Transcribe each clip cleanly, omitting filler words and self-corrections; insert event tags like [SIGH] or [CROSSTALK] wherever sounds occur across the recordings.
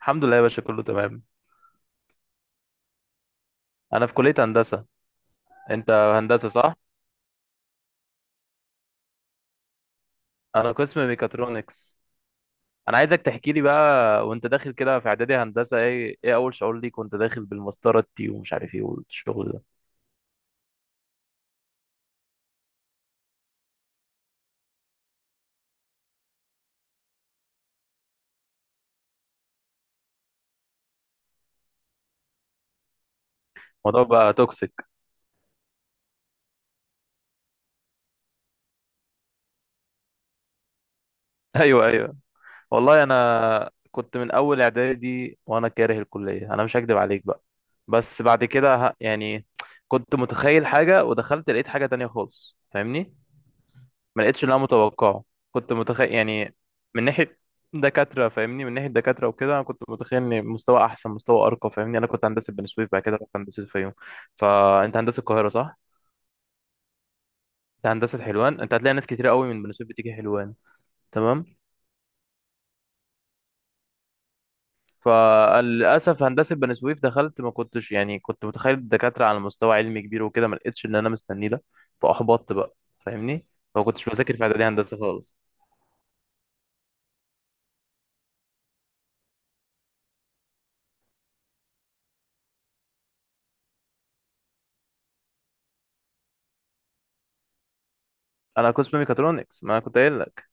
الحمد لله يا باشا، كله تمام. انا في كلية هندسة. انت هندسة صح؟ انا قسم ميكاترونكس. انا عايزك تحكي لي بقى وانت داخل كده في اعدادي هندسة، ايه اول شعور ليك وانت داخل بالمسطرة التي ومش عارف ايه والشغل ده؟ الموضوع بقى توكسيك. [LAUGHS] ايوه، ايوه. والله انا كنت من اول اعدادي وانا كاره الكلية، انا مش هكدب عليك بقى. بس بعد كده يعني كنت متخيل حاجة ودخلت لقيت حاجة تانية خالص، فاهمني؟ ما لقيتش اللي انا متوقعه. كنت متخيل يعني من ناحيه دكاتره، فاهمني؟ من ناحيه دكاتره وكده. انا كنت متخيل ان مستوى احسن، مستوى ارقى، فاهمني؟ انا كنت هندسه بني سويف، بعد كده رحت هندسه الفيوم. فانت هندسه القاهره صح؟ انت هندسه حلوان، انت هتلاقي ناس كتير قوي من بني سويف بتيجي حلوان. تمام. فللاسف هندسه بني سويف دخلت، ما كنتش يعني كنت متخيل الدكاتره على مستوى علمي كبير وكده، ما لقيتش اللي انا مستنيه ده. فاحبطت بقى، فاهمني؟ ما كنتش بذاكر في اعدادي هندسه خالص. انا قسم ميكاترونكس، ما أنا كنت قايل لك.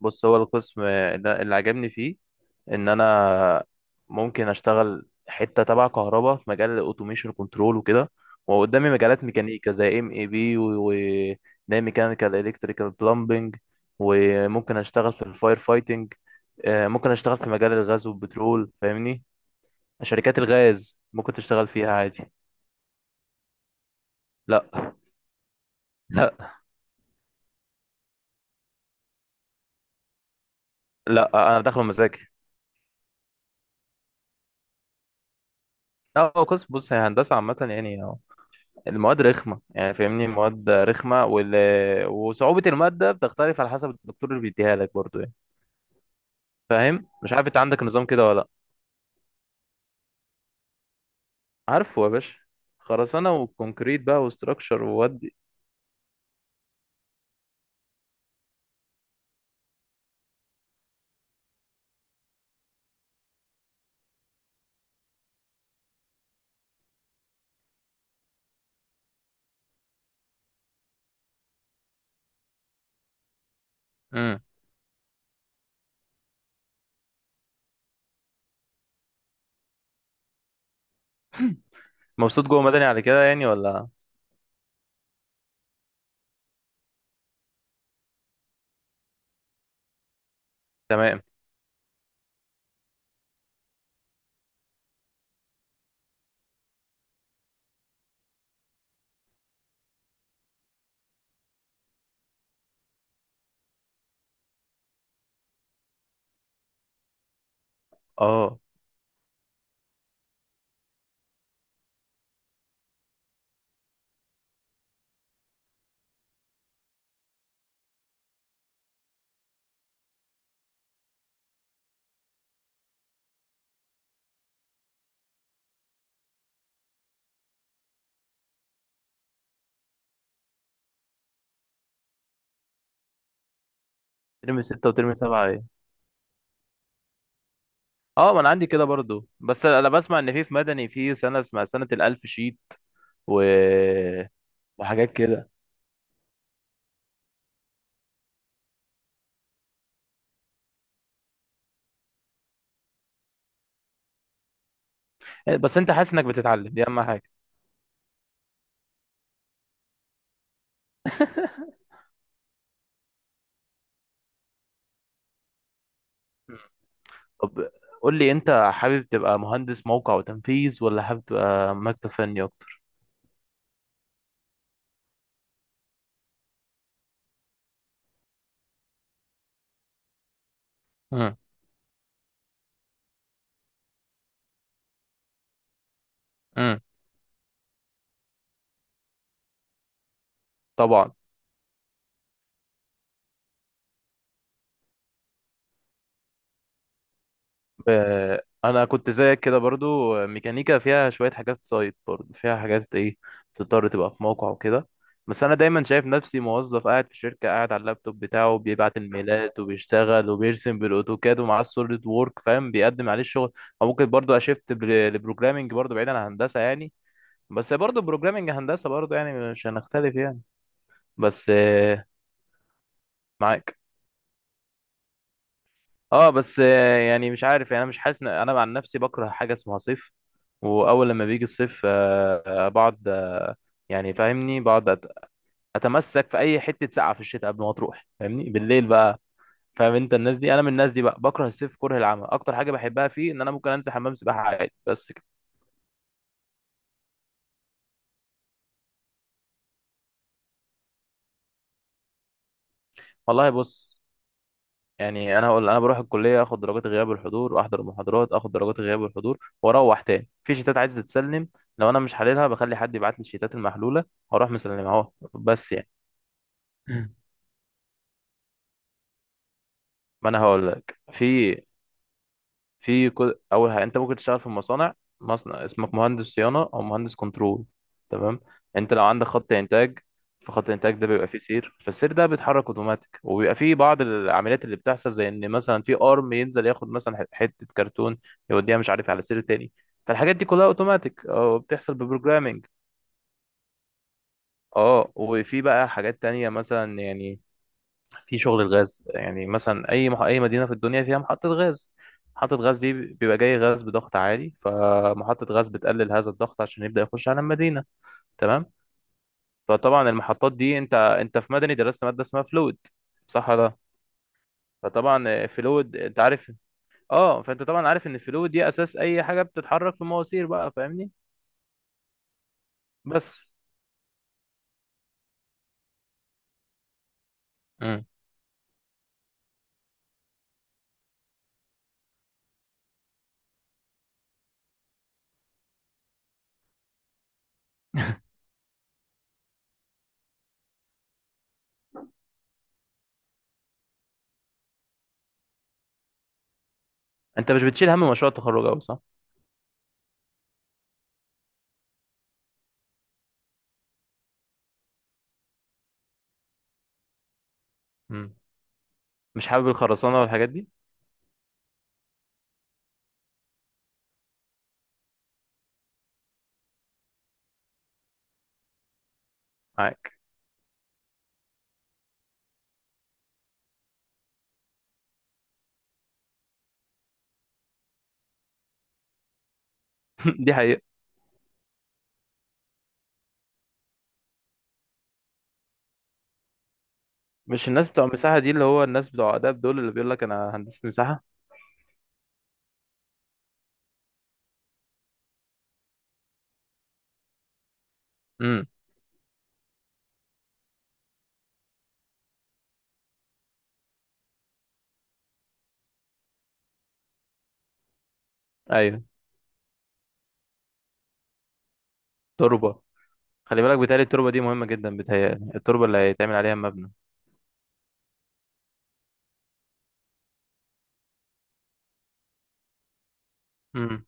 بص، هو القسم ده اللي عجبني فيه ان انا ممكن اشتغل حته تبع كهرباء في مجال الاوتوميشن كنترول وكده، وقدامي مجالات ميكانيكا زي ام اي بي وده، ميكانيكال الكتريكال بلمبنج، وممكن اشتغل في الفاير فايتنج. ممكن اشتغل في مجال الغاز والبترول، فاهمني؟ شركات الغاز ممكن تشتغل فيها عادي. لا. [LAUGHS] لا، لا، انا داخله مزاجي. لا، هو قسم، بص، هي هندسه عامه يعني. المواد رخمة يعني، فاهمني؟ مواد رخمة وصعوبة المادة بتختلف على حسب الدكتور اللي بيديها لك برضو يعني. فاهم؟ مش عارف انت عندك نظام كده ولا لا. عارفه يا باشا. خرسانة وكونكريت بقى وستراكشر وودي. امم مبسوط جوه مدني على كده يعني ولا؟ تمام. اه. ترم ستة وترم سبعة ايه؟ اه. ما انا عندي كده برضو، بس انا بسمع ان في مدني في سنة اسمها سنة الألف شيت و... وحاجات كده. بس انت حاسس انك بتتعلم، دي اهم حاجة. [LAUGHS] طب، قول لي، انت حابب تبقى مهندس موقع وتنفيذ ولا حابب تبقى مكتب فني اكتر؟ امم امم طبعا. انا كنت زيك كده برضو. ميكانيكا فيها شويه حاجات سايد، برضو فيها حاجات ايه تضطر تبقى في موقع وكده. بس انا دايما شايف نفسي موظف قاعد في شركه، قاعد على اللابتوب بتاعه بيبعت الميلات وبيشتغل وبيرسم بالاوتوكاد ومعاه السوليد وورك، فاهم؟ بيقدم عليه الشغل. او ممكن برضو اشفت لبروجرامينج برضو، بعيد عن هندسه يعني. بس برضو بروجرامينج هندسه برضو يعني، مش هنختلف يعني. بس معاك. اه، بس يعني مش عارف يعني، انا مش حاسس انا عن نفسي بكره حاجه اسمها صيف. واول لما بيجي الصيف بقعد، يعني فاهمني، بقعد اتمسك في اي حته ساقعه في الشتاء قبل ما تروح، فاهمني؟ بالليل بقى. فاهم؟ انت الناس دي، انا من الناس دي بقى. بكره الصيف كره العمى، اكتر حاجه بحبها فيه ان انا ممكن انزل حمام سباحه عادي، بس كده. والله بص، يعني انا هقول: انا بروح الكليه اخد درجات غياب والحضور، احضر المحاضرات اخد درجات غياب والحضور، واروح تاني في شيتات عايز تتسلم. لو انا مش حللها بخلي حد يبعت لي الشيتات المحلوله، هروح مسلمها اهو بس يعني. مم. ما انا هقول لك، في اول حاجه انت ممكن تشتغل في مصانع. مصنع، اسمك مهندس صيانه او مهندس كنترول. تمام. انت لو عندك خط انتاج، فخط الانتاج ده بيبقى فيه سير، فالسير ده بيتحرك اوتوماتيك، وبيبقى فيه بعض العمليات اللي بتحصل زي ان مثلا في ارم ينزل ياخد مثلا حته كرتون يوديها مش عارف على سير تاني. فالحاجات دي كلها اوتوماتيك او بتحصل ببروجرامنج. اه. وفي بقى حاجات تانية مثلا يعني، في شغل الغاز يعني مثلا، اي مدينه في الدنيا فيها محطه غاز. محطه غاز دي بيبقى جاي غاز بضغط عالي، فمحطه غاز بتقلل هذا الضغط عشان يبدا يخش على المدينه. تمام. فطبعا المحطات دي، انت في مدني درست ماده اسمها فلويد، صح ده؟ فطبعا فلويد انت عارف. اه. فانت طبعا عارف ان الفلويد دي اساس اي حاجه بتتحرك في المواسير بقى، فاهمني؟ بس. مم. انت مش بتشيل هم مشروع التخرج قوي صح؟ مم. مش حابب الخرسانه والحاجات دي. معاك. [LAUGHS] دي حقيقة. مش الناس بتوع مساحة دي اللي هو الناس بتوع آداب دول اللي بيقول لك أنا هندسة مساحة؟ امم أيوه. تربة. خلي بالك، بيتهيألي التربة دي مهمة جدا، بيتهيألي التربة اللي هيتعمل عليها المبنى. امم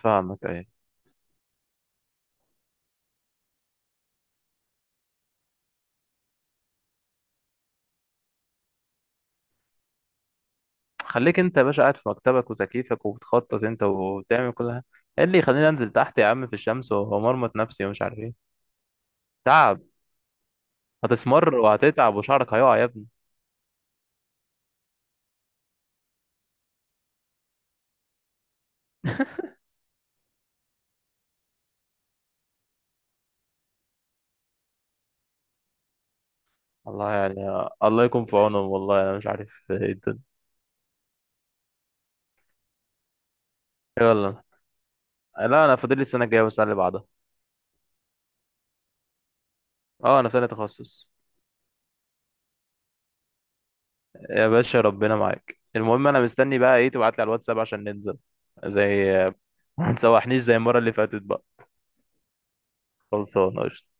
فاهمك، أيوه. خليك أنت يا باشا قاعد في مكتبك وتكييفك وبتخطط أنت وبتعمل كل ده. إيه اللي يخليني أنزل تحت يا عم في الشمس ومرمط نفسي ومش عارف إيه؟ تعب. هتسمر وهتتعب وشعرك هيقع يا ابني. [LAUGHS] الله يعني. الله يكون في عونهم، والله أنا مش عارف إيه الدنيا. يلا. لا، أنا فاضل لي السنة الجاية والسنة اللي بعدها. أه، أنا في سنة تخصص. يا باشا ربنا معاك. المهم انا مستني بقى ايه تبعت لي على الواتساب عشان ننزل. زي، ما تسوحنيش زي المره اللي فاتت بقى. خلصانه قشطة.